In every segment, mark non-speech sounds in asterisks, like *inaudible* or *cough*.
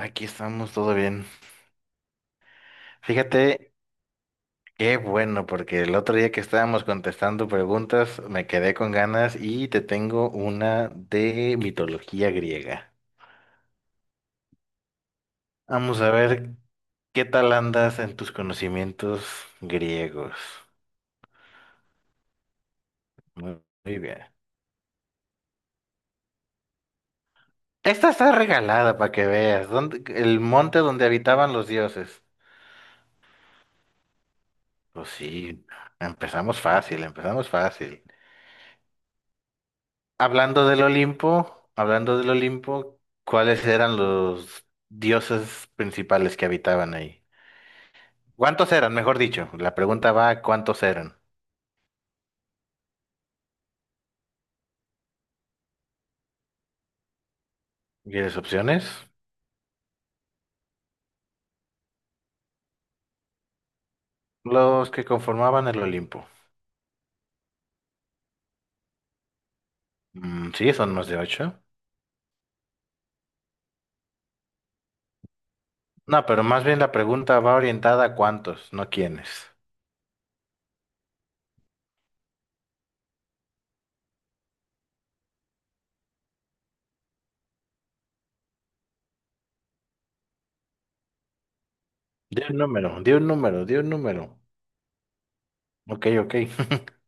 Aquí estamos, todo bien. Fíjate, qué bueno, porque el otro día que estábamos contestando preguntas me quedé con ganas y te tengo una de mitología griega. Vamos a ver qué tal andas en tus conocimientos griegos. Muy muy bien. Esta está regalada para que veas. El monte donde habitaban los dioses. Pues sí, empezamos fácil, empezamos fácil. Hablando del Olimpo, ¿cuáles eran los dioses principales que habitaban ahí? ¿Cuántos eran, mejor dicho? La pregunta va, ¿cuántos eran? ¿Quieres opciones? Los que conformaban el Olimpo. Mm, sí, son más de ocho. No, pero más bien la pregunta va orientada a cuántos, no quiénes. Di un número, di un número, di un número. Ok, ok. *laughs*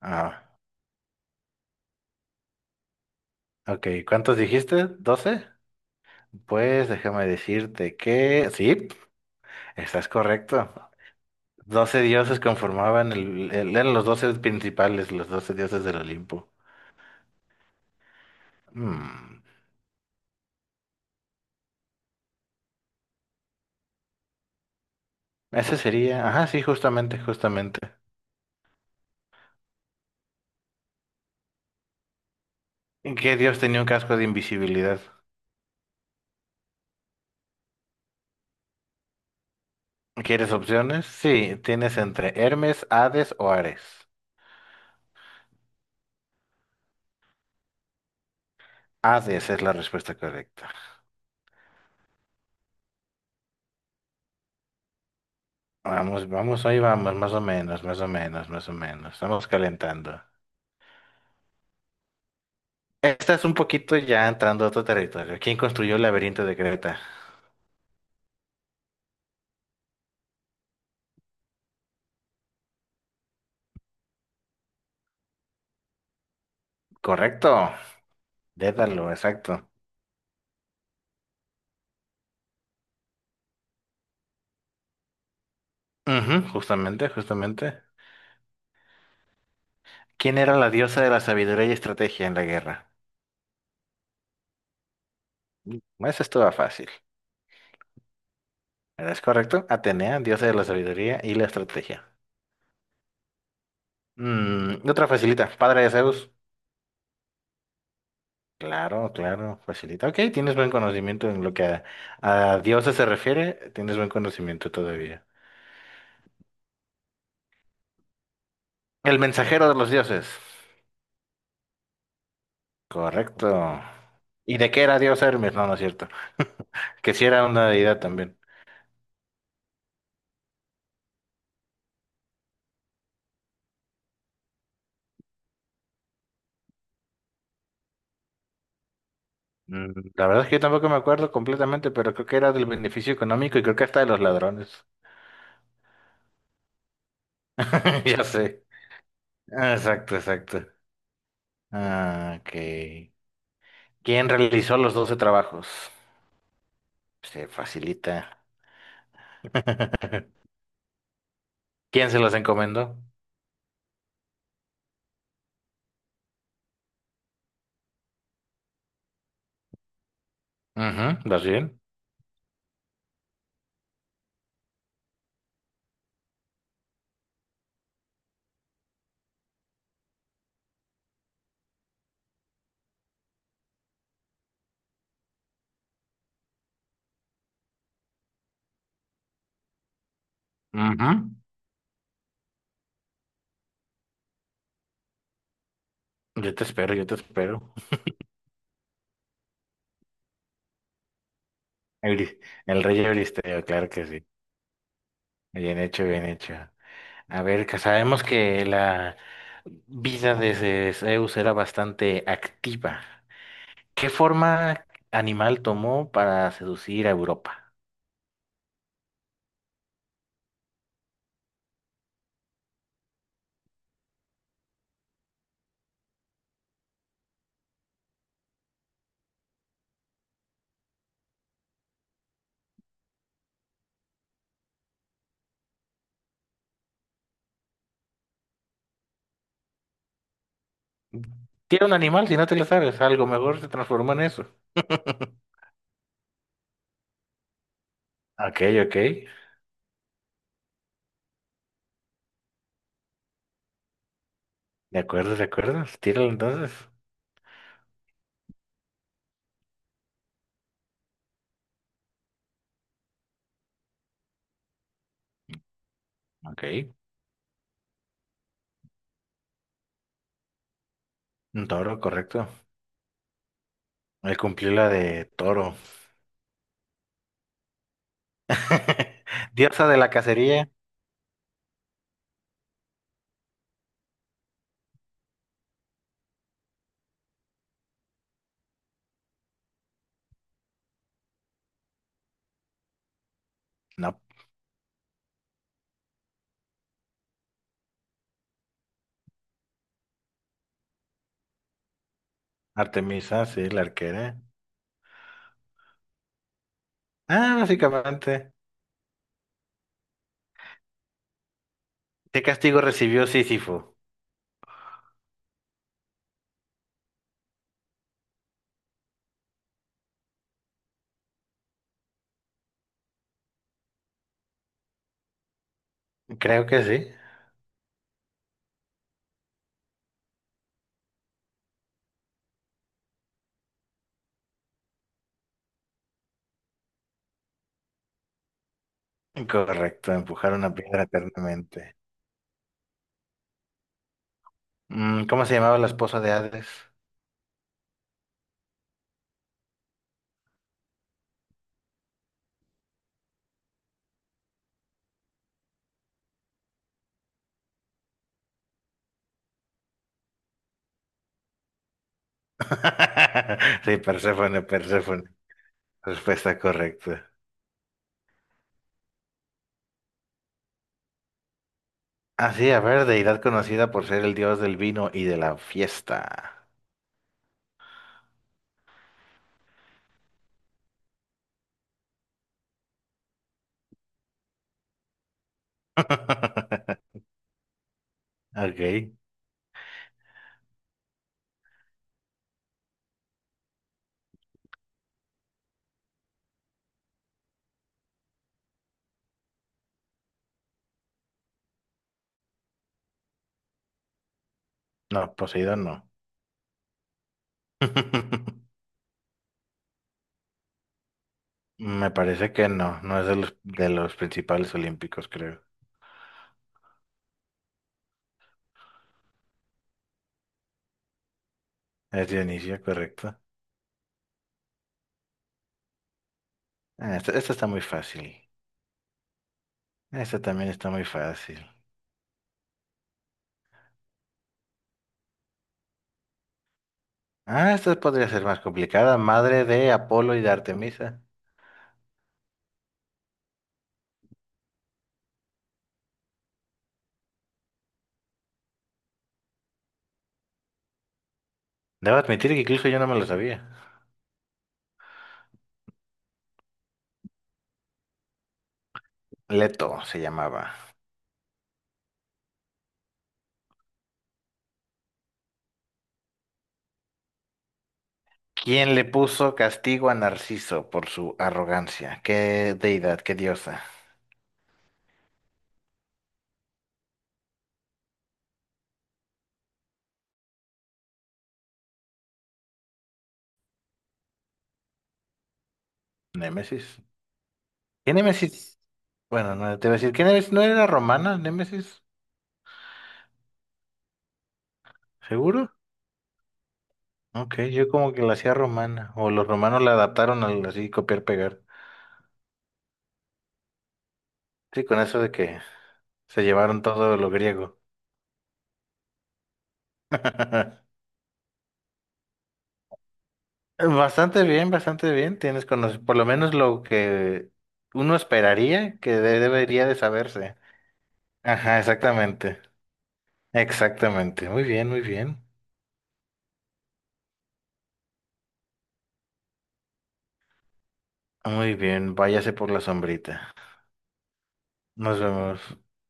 Ah, ok. ¿Cuántos dijiste? ¿12? Pues déjame decirte que sí, estás correcto. 12 dioses conformaban eran los 12 principales, los 12 dioses del Olimpo. Mm, ese sería, ajá, sí, justamente, justamente. ¿Y qué dios tenía un casco de invisibilidad? ¿Quieres opciones? Sí, tienes entre Hermes, Hades o Ares. Hades es la respuesta correcta. Vamos, vamos, hoy vamos, más o menos, más o menos, más o menos. Estamos calentando. Esta es un poquito ya entrando a otro territorio. ¿Quién construyó el laberinto de Creta? Correcto. Dédalo, exacto. Ujú, justamente, justamente. ¿Quién era la diosa de la sabiduría y estrategia en la guerra? Eso estaba fácil. ¿Verdad? ¿Es correcto? Atenea, diosa de la sabiduría y la estrategia. Mm, otra facilita, padre de Zeus. Claro, claro, facilita. Ok, tienes buen conocimiento en lo que a dioses se refiere, tienes buen conocimiento todavía. El mensajero de los dioses. Correcto. ¿Y de qué era dios Hermes? No, no es cierto. *laughs* Que si era una deidad también. Mm, la verdad es que yo tampoco me acuerdo completamente, pero creo que era del beneficio económico y creo que hasta de los ladrones. *laughs* Ya sé. Ah, exacto, exacto. Ah, ok. ¿Quién realizó los 12 trabajos? Se facilita. *laughs* ¿Quién se los encomendó? Ujú, ¿vas bien? Ujú. Yo te espero, yo te espero. *laughs* Euris- El rey Euristeo, claro que sí. Bien hecho, bien hecho. A ver, que sabemos que la vida de Zeus era bastante activa. ¿Qué forma animal tomó para seducir a Europa? Tiene un animal, si no te lo sabes, algo mejor se transformó en eso. *laughs* Ok, ok. De acuerdo, de acuerdo. Tíralo entonces. Ok. Un toro, correcto. Él cumplió la de toro. *laughs* Diosa de la cacería. No. Artemisa, sí, la arquera. Ah, básicamente. ¿Qué castigo recibió Sísifo? Creo que sí. Correcto, empujar una piedra eternamente. Mm, ¿cómo se llamaba la esposa de Hades? *laughs* Sí, Perséfone, Perséfone. Respuesta correcta. Ah, sí, a ver, deidad conocida por ser el dios del vino y de la fiesta. *laughs* Ok. No, Poseidón no. *laughs* Me parece que no, no es de los principales olímpicos, creo. Es Dionisio, correcto. Ah, esta está muy fácil. Esta también está muy fácil. Ah, esta podría ser más complicada. Madre de Apolo y de Artemisa. Debo admitir que incluso yo no me lo sabía. Leto se llamaba. ¿Quién le puso castigo a Narciso por su arrogancia? ¿Qué deidad, qué diosa? Némesis. ¿Qué Némesis? Bueno, no te voy a decir, ¿qué Némesis? ¿No era romana, Némesis? ¿Seguro? Ok, yo como que la hacía romana, o los romanos la adaptaron al así copiar pegar. Sí, con eso de que se llevaron todo lo griego. *laughs* Bastante bien, bastante bien. Tienes por lo menos lo que uno esperaría que debería de saberse. Ajá, exactamente. Exactamente. Muy bien, muy bien. Muy bien. Váyase por la sombrita. Nos vemos.